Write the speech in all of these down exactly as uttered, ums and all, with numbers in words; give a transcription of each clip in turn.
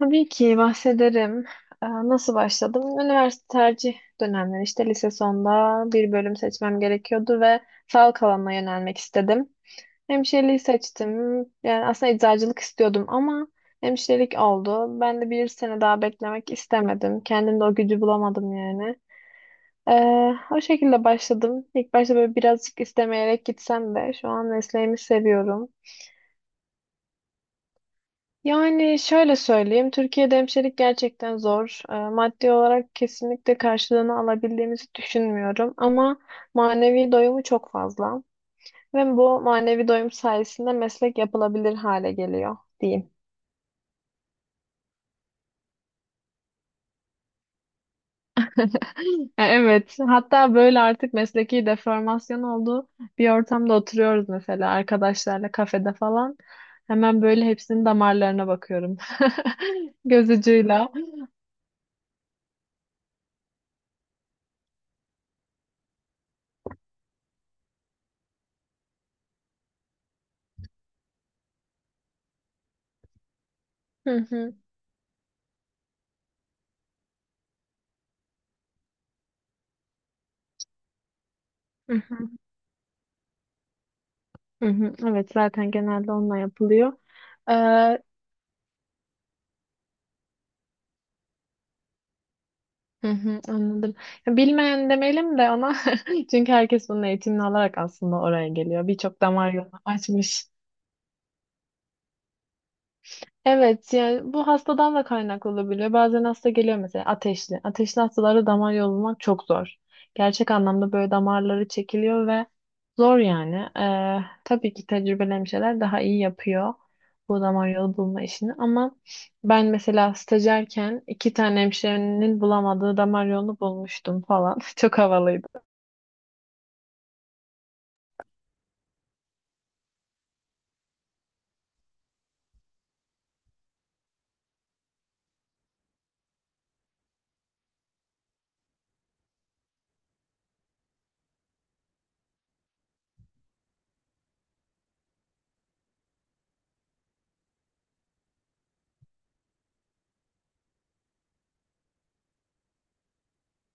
Tabii ki bahsederim. Ee, Nasıl başladım? Üniversite tercih dönemleri işte lise sonunda bir bölüm seçmem gerekiyordu ve sağlık alanına yönelmek istedim. Hemşireliği seçtim. Yani aslında eczacılık istiyordum ama hemşirelik oldu. Ben de bir sene daha beklemek istemedim. Kendimde o gücü bulamadım yani. Ee, o şekilde başladım. İlk başta böyle birazcık istemeyerek gitsem de şu an mesleğimi seviyorum. Yani şöyle söyleyeyim, Türkiye'de hemşirelik gerçekten zor. Eee, Maddi olarak kesinlikle karşılığını alabildiğimizi düşünmüyorum ama manevi doyumu çok fazla ve bu manevi doyum sayesinde meslek yapılabilir hale geliyor diyeyim. Evet, hatta böyle artık mesleki deformasyon olduğu bir ortamda oturuyoruz mesela arkadaşlarla kafede falan. Hemen böyle hepsinin damarlarına bakıyorum. Göz ucuyla. Hı hı. Hı hı. Hı hı, evet zaten genelde onunla yapılıyor. Ee, hı hı, anladım. Ya, bilmeyen demeyelim de ona, çünkü herkes bunun eğitimini alarak aslında oraya geliyor. Birçok damar yolunu açmış. Evet, yani bu hastadan da kaynaklı olabiliyor. Bazen hasta geliyor mesela ateşli. Ateşli hastalara damar yolu bulmak çok zor. Gerçek anlamda böyle damarları çekiliyor ve zor yani. Ee, tabii ki tecrübelemiş şeyler daha iyi yapıyor bu damar yolu bulma işini. Ama ben mesela stajyerken iki tane hemşirenin bulamadığı damar yolunu bulmuştum falan. Çok havalıydı.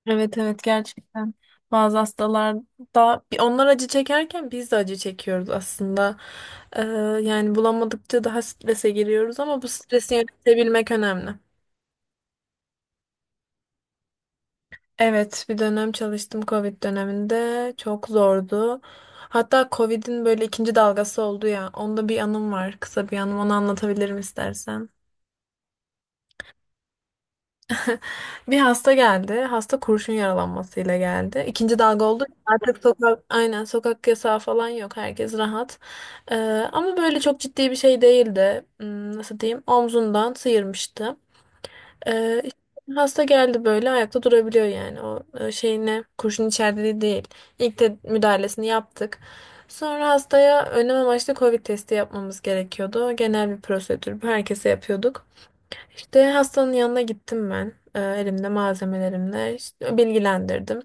Evet evet, gerçekten bazı hastalarda bi- onlar acı çekerken biz de acı çekiyoruz aslında. Ee, yani bulamadıkça daha strese giriyoruz ama bu stresi yönetebilmek önemli. Evet, bir dönem çalıştım, Covid döneminde çok zordu. Hatta Covid'in böyle ikinci dalgası oldu ya, onda bir anım var, kısa bir anım, onu anlatabilirim istersen. Bir hasta geldi. Hasta kurşun yaralanmasıyla geldi. İkinci dalga oldu. Artık sokak, aynen sokak yasağı falan yok. Herkes rahat. Ee, ama böyle çok ciddi bir şey değildi. Hmm, Nasıl diyeyim? Omzundan sıyırmıştı. Ee, işte hasta geldi, böyle ayakta durabiliyor yani. O e, şeyine kurşun içerdiği değil. İlk de müdahalesini yaptık. Sonra hastaya önlem amaçlı Covid testi yapmamız gerekiyordu. Genel bir prosedür. Herkese yapıyorduk. İşte hastanın yanına gittim ben. Ee, elimde malzemelerimle işte bilgilendirdim.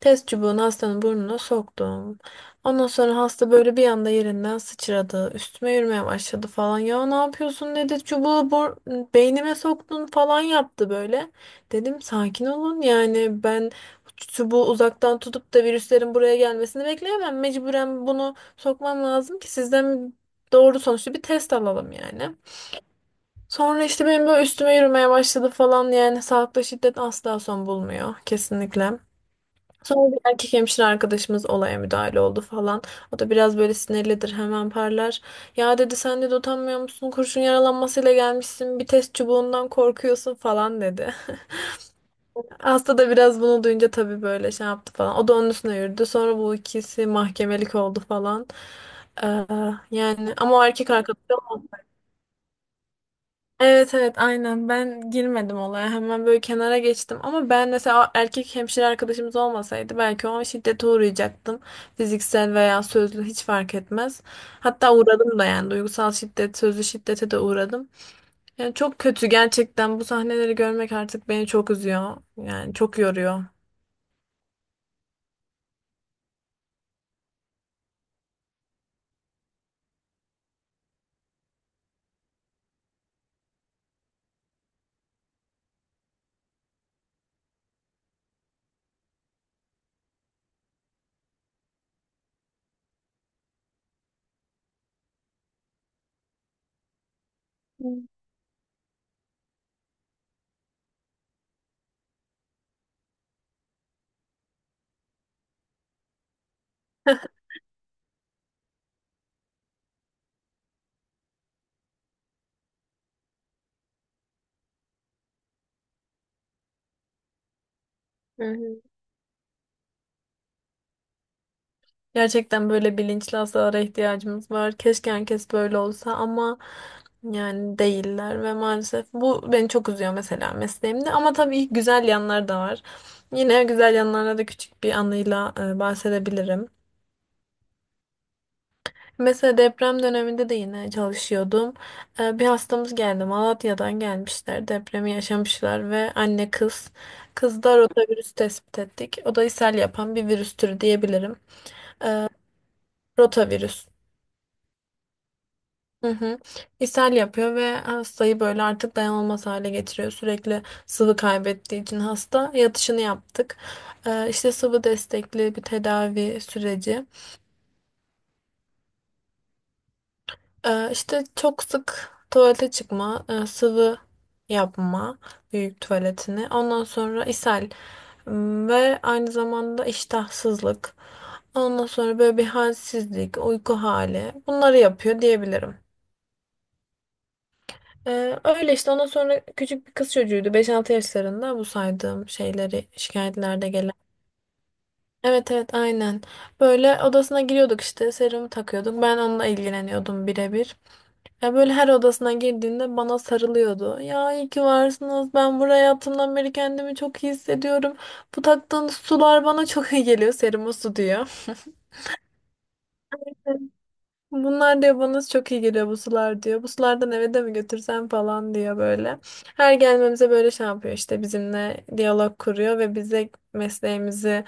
Test çubuğunu hastanın burnuna soktum. Ondan sonra hasta böyle bir anda yerinden sıçradı. Üstüme yürümeye başladı falan. Ya ne yapıyorsun dedi. Çubuğu bur beynime soktun falan yaptı böyle. Dedim sakin olun yani, ben çubuğu uzaktan tutup da virüslerin buraya gelmesini bekleyemem. Mecburen bunu sokmam lazım ki sizden doğru sonuçlu bir test alalım yani. Sonra işte benim böyle üstüme yürümeye başladı falan, yani sağlıkta şiddet asla son bulmuyor kesinlikle. Sonra bir erkek hemşire arkadaşımız olaya müdahale oldu falan. O da biraz böyle sinirlidir, hemen parlar. Ya dedi, sen de utanmıyor musun? Kurşun yaralanmasıyla gelmişsin. Bir test çubuğundan korkuyorsun falan dedi. Hasta da biraz bunu duyunca tabii böyle şey yaptı falan. O da onun üstüne yürüdü. Sonra bu ikisi mahkemelik oldu falan. Ee, yani ama o erkek arkadaşım. Evet evet aynen, ben girmedim olaya, hemen böyle kenara geçtim ama ben mesela erkek hemşire arkadaşımız olmasaydı belki o an şiddete uğrayacaktım, fiziksel veya sözlü hiç fark etmez, hatta uğradım da, yani duygusal şiddet, sözlü şiddete de uğradım, yani çok kötü gerçekten. Bu sahneleri görmek artık beni çok üzüyor, yani çok yoruyor. Hı hı. Gerçekten böyle bilinçli hastalara ihtiyacımız var. Keşke herkes böyle olsa ama yani değiller ve maalesef bu beni çok üzüyor mesela mesleğimde. Ama tabii güzel yanlar da var. Yine güzel yanlarına da küçük bir anıyla e, bahsedebilirim. Mesela deprem döneminde de yine çalışıyordum. E, bir hastamız geldi. Malatya'dan gelmişler. Depremi yaşamışlar ve anne kız. Kızda rotavirüs tespit ettik. O da ishal yapan bir virüs türü diyebilirim. Rotavirüs. Hı. İshal. Önce tuvalı yama büyületini, ondan sonra ishal, ım, zamanda iştahsızlık, ondan sonra bir halsizlik, uyku hali, bunları yapıyor diyebilirim. Ee, öyle işte, ondan sonra küçük bir kız çocuğuydu, beş altı yaşlarında, bu saydığım şeyleri şikayetlerde gelen. Evet evet aynen. Böyle odasına giriyorduk, işte serumu takıyorduk. Ben onunla ilgileniyordum birebir. Ya böyle her odasına girdiğinde bana sarılıyordu. Ya iyi ki varsınız. Ben buraya hayatımdan beri kendimi çok iyi hissediyorum. Bu taktığınız sular bana çok iyi geliyor. Serumu su diyor. Bunlar diyor bana çok iyi geliyor bu sular diyor. Bu sulardan eve de mi götürsem falan diyor böyle. Her gelmemize böyle şey yapıyor, işte bizimle diyalog kuruyor ve bize mesleğimizi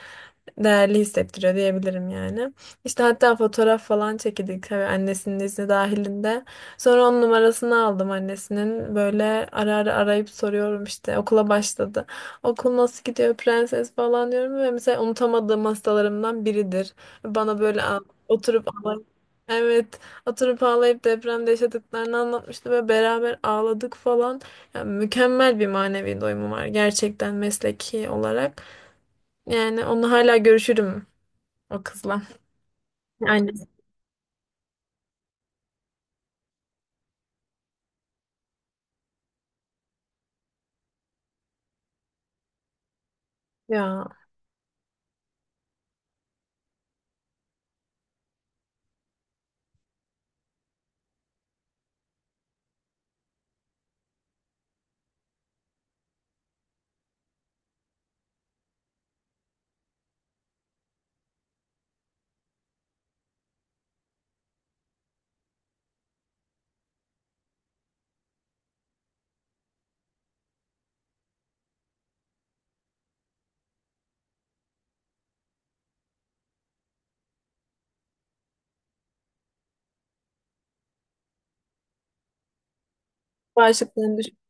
değerli hissettiriyor diyebilirim yani. İşte hatta fotoğraf falan çekildik, tabii annesinin izni dahilinde. Sonra onun numarasını aldım annesinin. Böyle ara ara arayıp soruyorum, işte okula başladı. Okul nasıl gidiyor prenses falan diyorum ve mesela unutamadığım hastalarımdan biridir. Bana böyle a- oturup ağlayıp, evet, oturup ağlayıp depremde yaşadıklarını anlatmıştı ve beraber ağladık falan. Yani mükemmel bir manevi doyumu var gerçekten mesleki olarak. Yani onu hala görüşürüm o kızla. Annesi ya.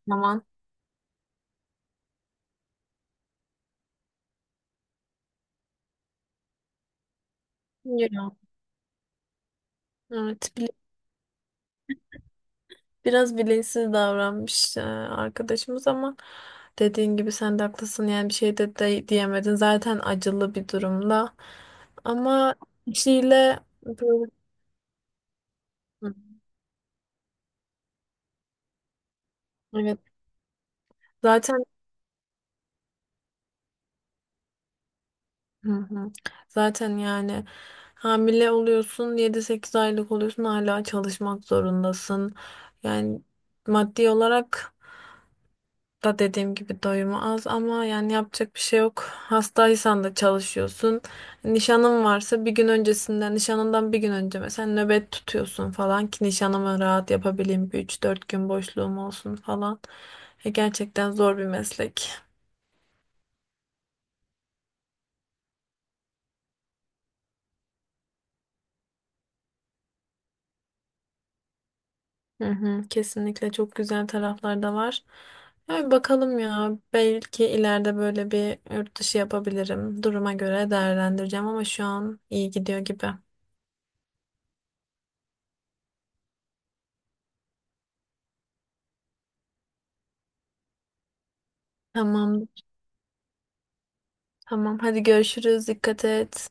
Başlaman. Ya. Evet. bile- Biraz bilinçsiz davranmış e, arkadaşımız ama dediğin gibi sen de haklısın. Yani bir şey de, de diyemedin. Zaten acılı bir durumda. Ama kişiyle böyle- Hı, evet. Zaten hı hı. Zaten yani hamile oluyorsun, yedi sekiz aylık oluyorsun, hala çalışmak zorundasın. Yani maddi olarak da dediğim gibi doyumu az ama yani yapacak bir şey yok. Hastaysan da çalışıyorsun. Nişanın varsa bir gün öncesinden, nişanından bir gün önce mesela nöbet tutuyorsun falan ki nişanımı rahat yapabileyim. Bir üç dört gün boşluğum olsun falan. E, gerçekten zor bir meslek. Hı hı, kesinlikle çok güzel taraflar da var. Yani bakalım ya, belki ileride böyle bir yurt dışı yapabilirim. Duruma göre değerlendireceğim ama şu an iyi gidiyor gibi. Tamam. Tamam, hadi görüşürüz. Dikkat et.